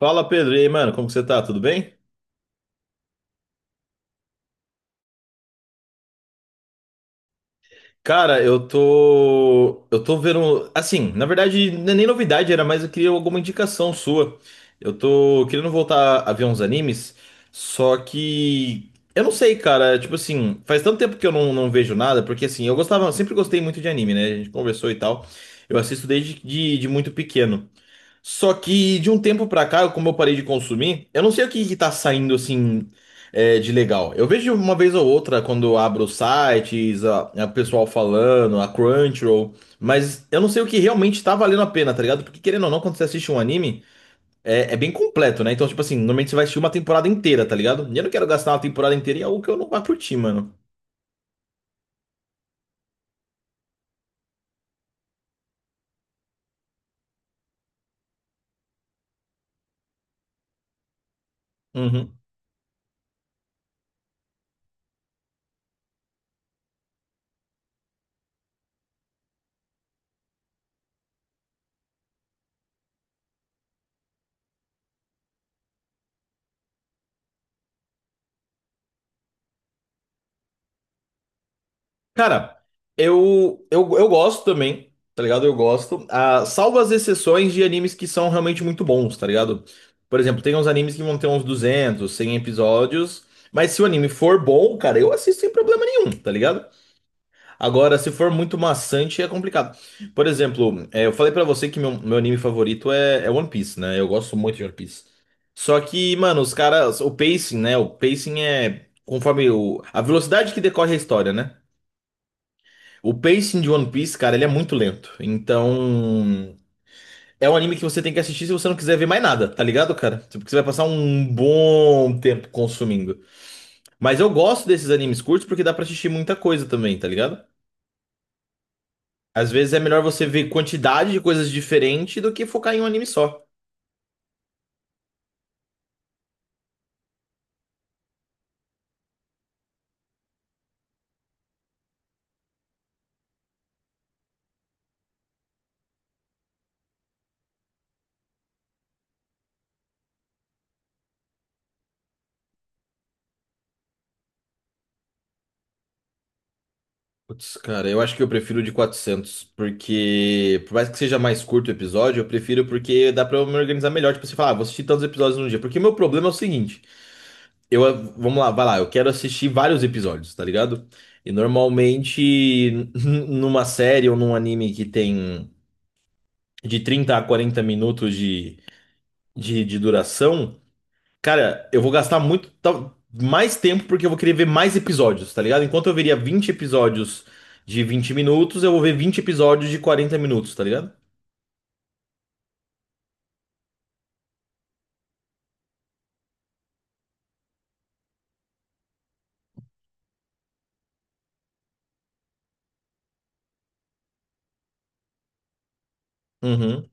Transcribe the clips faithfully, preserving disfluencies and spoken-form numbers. Fala, Pedro. E aí, mano, como que você tá? Tudo bem? Cara, eu tô. Eu tô vendo. Assim, na verdade, não é nem novidade, era mais eu queria alguma indicação sua. Eu tô querendo voltar a ver uns animes, só que. Eu não sei, cara. Tipo assim, faz tanto tempo que eu não, não vejo nada, porque assim, eu gostava, sempre gostei muito de anime, né? A gente conversou e tal. Eu assisto desde de, de muito pequeno. Só que de um tempo pra cá, eu- como eu parei de consumir, eu não sei o que que tá saindo assim, é, de legal. Eu vejo uma vez ou outra quando eu abro os sites, a, a pessoal falando, a Crunchyroll, mas eu não sei o que realmente tá valendo a pena, tá ligado? Porque querendo ou não, quando você assiste um anime, é, é bem completo, né? Então, tipo assim, normalmente você vai assistir uma temporada inteira, tá ligado? E eu não quero gastar uma temporada inteira em algo que eu não vá curtir, mano. Uhum. Cara, eu, eu, eu gosto também, tá ligado? Eu gosto. Ah, salvo as exceções de animes que são realmente muito bons, tá ligado? Por exemplo, tem uns animes que vão ter uns duzentos, cem episódios. Mas se o anime for bom, cara, eu assisto sem problema nenhum, tá ligado? Agora, se for muito maçante, é complicado. Por exemplo, é, eu falei pra você que meu, meu anime favorito é, é One Piece, né? Eu gosto muito de One Piece. Só que, mano, os caras, o pacing, né? O pacing é conforme o, a velocidade que decorre a história, né? O pacing de One Piece, cara, ele é muito lento. Então, é um anime que você tem que assistir se você não quiser ver mais nada, tá ligado, cara? Porque você vai passar um bom tempo consumindo. Mas eu gosto desses animes curtos porque dá pra assistir muita coisa também, tá ligado? Às vezes é melhor você ver quantidade de coisas diferentes do que focar em um anime só. Putz, cara, eu acho que eu prefiro o de quatrocentos porque por mais que seja mais curto o episódio, eu prefiro porque dá pra eu me organizar melhor. Tipo, você fala, ah, vou assistir tantos episódios num dia. Porque o meu problema é o seguinte. Eu, vamos lá, vai lá. Eu quero assistir vários episódios, tá ligado? E normalmente, numa série ou num anime que tem de trinta a quarenta minutos de, de, de duração, cara, eu vou gastar muito tal- mais tempo porque eu vou querer ver mais episódios, tá ligado? Enquanto eu veria vinte episódios de vinte minutos, eu vou ver vinte episódios de quarenta minutos, tá ligado? Uhum.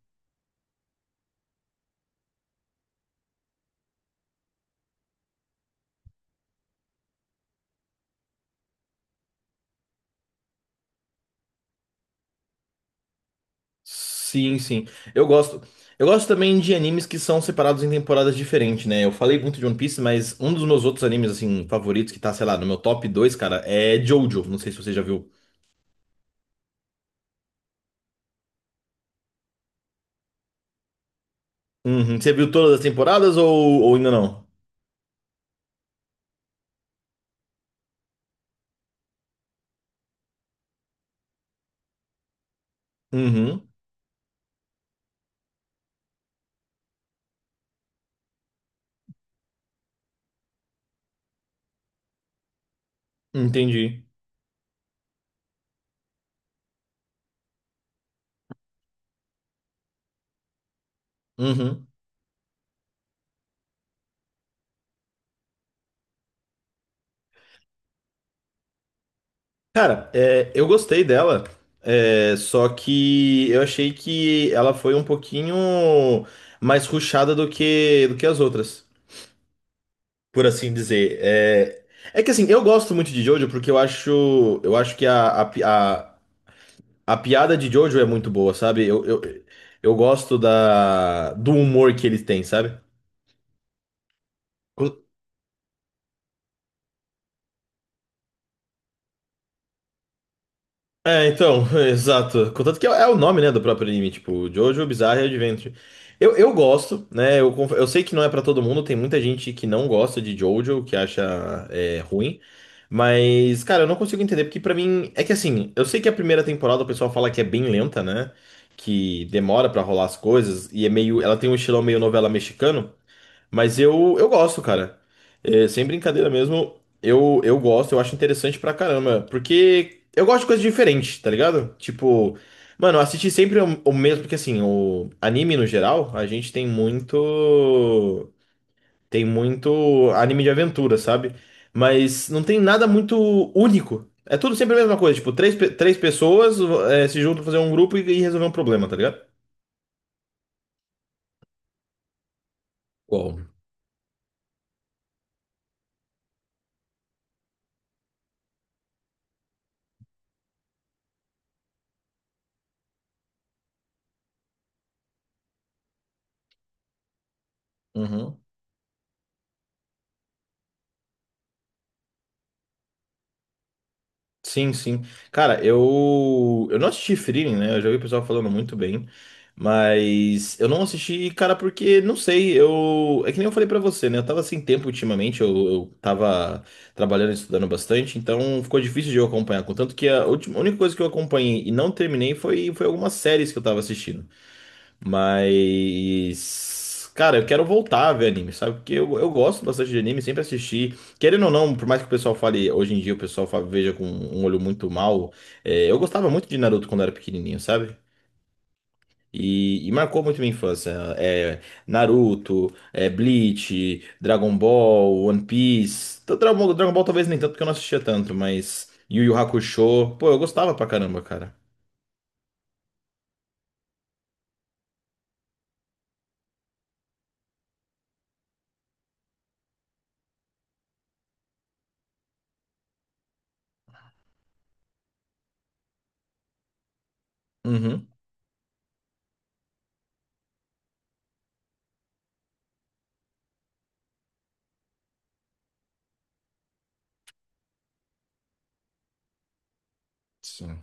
Sim, sim. Eu gosto. Eu gosto também de animes que são separados em temporadas diferentes, né? Eu falei muito de One Piece, mas um dos meus outros animes, assim, favoritos, que tá, sei lá, no meu top dois, cara, é Jojo. Não sei se você já viu. Uhum. Você viu todas as temporadas ou, ou ainda não? Uhum. Entendi. Uhum. Cara, é, eu gostei dela, é, só que eu achei que ela foi um pouquinho mais rushada do que, do que as outras, por assim dizer. É, é que assim, eu gosto muito de Jojo porque eu acho, eu acho que a, a, pi- a, a piada de Jojo é muito boa, sabe? Eu, eu, eu gosto da, do humor que eles têm, sabe? É, então, exato. Contanto que é é o nome, né, do próprio anime, tipo, Jojo Bizarre Adventure. Eu, eu gosto, né, eu, conf- eu sei que não é pra todo mundo, tem muita gente que não gosta de Jojo, que acha é, ruim, mas, cara, eu não consigo entender, porque pra mim, é que assim, eu sei que a primeira temporada o pessoal fala que é bem lenta, né, que demora pra rolar as coisas, e é meio, ela tem um estilão meio novela mexicano, mas eu, eu gosto, cara. É, sem brincadeira mesmo, eu, eu gosto, eu acho interessante pra caramba. Porque eu gosto de coisa diferente, tá ligado? Tipo, mano, assistir sempre o, o mesmo, porque assim, o anime no geral, a gente tem muito. Tem muito anime de aventura, sabe? Mas não tem nada muito único. É tudo sempre a mesma coisa, tipo, três, pe- três pessoas, é, se juntam pra fazer um grupo e, e resolver um problema, tá ligado? Qual? Uhum. Sim, sim. Cara, eu eu não assisti Frieren, né? Eu já vi o pessoal falando muito bem, mas eu não assisti, cara, porque não sei, eu é que nem eu falei pra você, né? Eu tava sem tempo ultimamente, eu, eu tava trabalhando e estudando bastante, então ficou difícil de eu acompanhar, contanto que a última, a única coisa que eu acompanhei e não terminei foi foi algumas séries que eu tava assistindo. Mas, cara, eu quero voltar a ver anime, sabe? Porque eu, eu gosto bastante de anime, sempre assisti. Querendo ou não, por mais que o pessoal fale, hoje em dia o pessoal fa- veja com um olho muito mal, é, eu gostava muito de Naruto quando era pequenininho, sabe? E, e marcou muito minha infância. É, Naruto, é, Bleach, Dragon Ball, One Piece. Então, Dragon Ball, Dragon Ball talvez nem tanto, porque eu não assistia tanto, mas Yu Yu Hakusho. Pô, eu gostava pra caramba, cara. Uhum. Sim.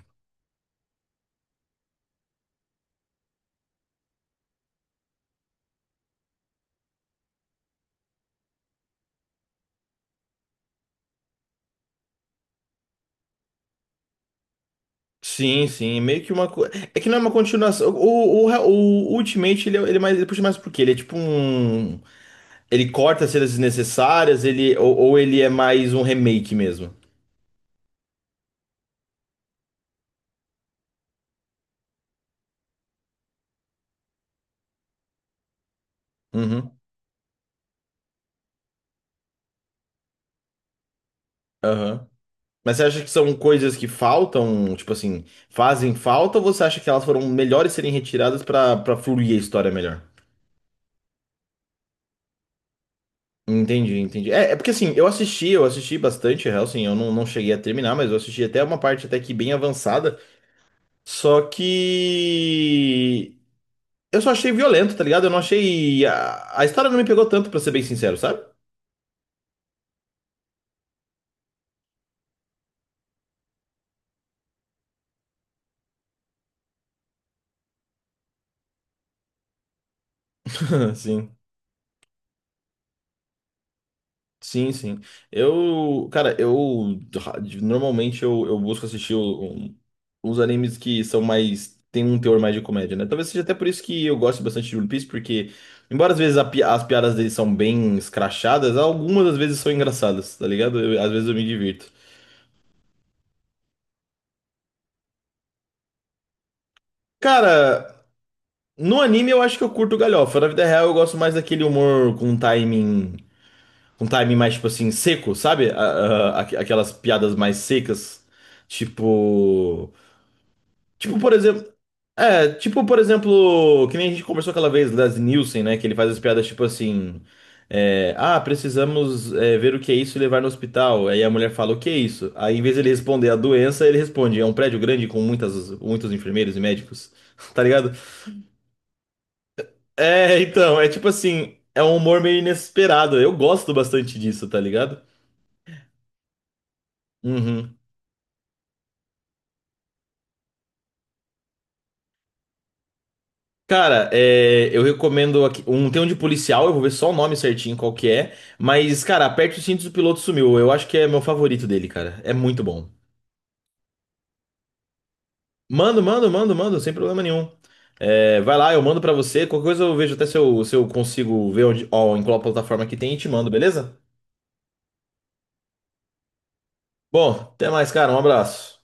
Sim, sim, meio que uma coisa. É que não é uma continuação. O, o, o Ultimate, ele, é- ele, é mais, ele puxa mais por quê? Ele é tipo um. Ele corta cenas desnecessárias, ele, ou, ou ele é mais um remake mesmo. Uhum, aham. Mas você acha que são coisas que faltam, tipo assim, fazem falta, ou você acha que elas foram melhores serem retiradas pra, pra fluir a história melhor? Entendi, entendi. É, é porque assim, eu assisti, eu assisti bastante Hellsing, eu não, não cheguei a terminar, mas eu assisti até uma parte até que bem avançada. Só que. Eu só achei violento, tá ligado? Eu não achei. A, a história não me pegou tanto, pra ser bem sincero, sabe? Sim, sim, sim. Eu, cara, eu ra- normalmente eu, eu busco assistir um- uns animes que são mais. Tem um teor mais de comédia, né? Talvez seja até por isso que eu gosto bastante de One Piece, porque, embora às vezes a pi- as piadas deles são bem escrachadas, algumas às vezes são engraçadas, tá ligado? Eu- às vezes eu me divirto. Cara, no anime eu acho que eu curto galhofa. Na vida real eu gosto mais daquele humor com timing, um timing mais, tipo assim, seco, sabe? A- a- aqu- aquelas piadas mais secas. Tipo. Tipo, por exemplo. É, tipo, por exemplo, que nem a gente conversou aquela vez, Leslie Nielsen, né? Que ele faz as piadas tipo assim. é, ah, precisamos é, ver o que é isso e levar no hospital. Aí a mulher fala, o que é isso? Aí em vez de ele responder a doença, ele responde, é um prédio grande com muitas, muitos enfermeiros e médicos. Tá ligado? É, então, é tipo assim, é um humor meio inesperado. Eu gosto bastante disso, tá ligado? Uhum. Cara, é, eu recomendo aqui, um tem um de policial, eu vou ver só o nome certinho qual que é, mas cara, Aperte os Cintos, o Piloto Sumiu. Eu acho que é meu favorito dele, cara. É muito bom. Mando, mando, mando, mando, sem problema nenhum. É, vai lá, eu mando pra você. Qualquer coisa eu vejo até se eu, se eu consigo ver onde, ó, em qual plataforma que tem e te mando, beleza? Bom, até mais, cara. Um abraço.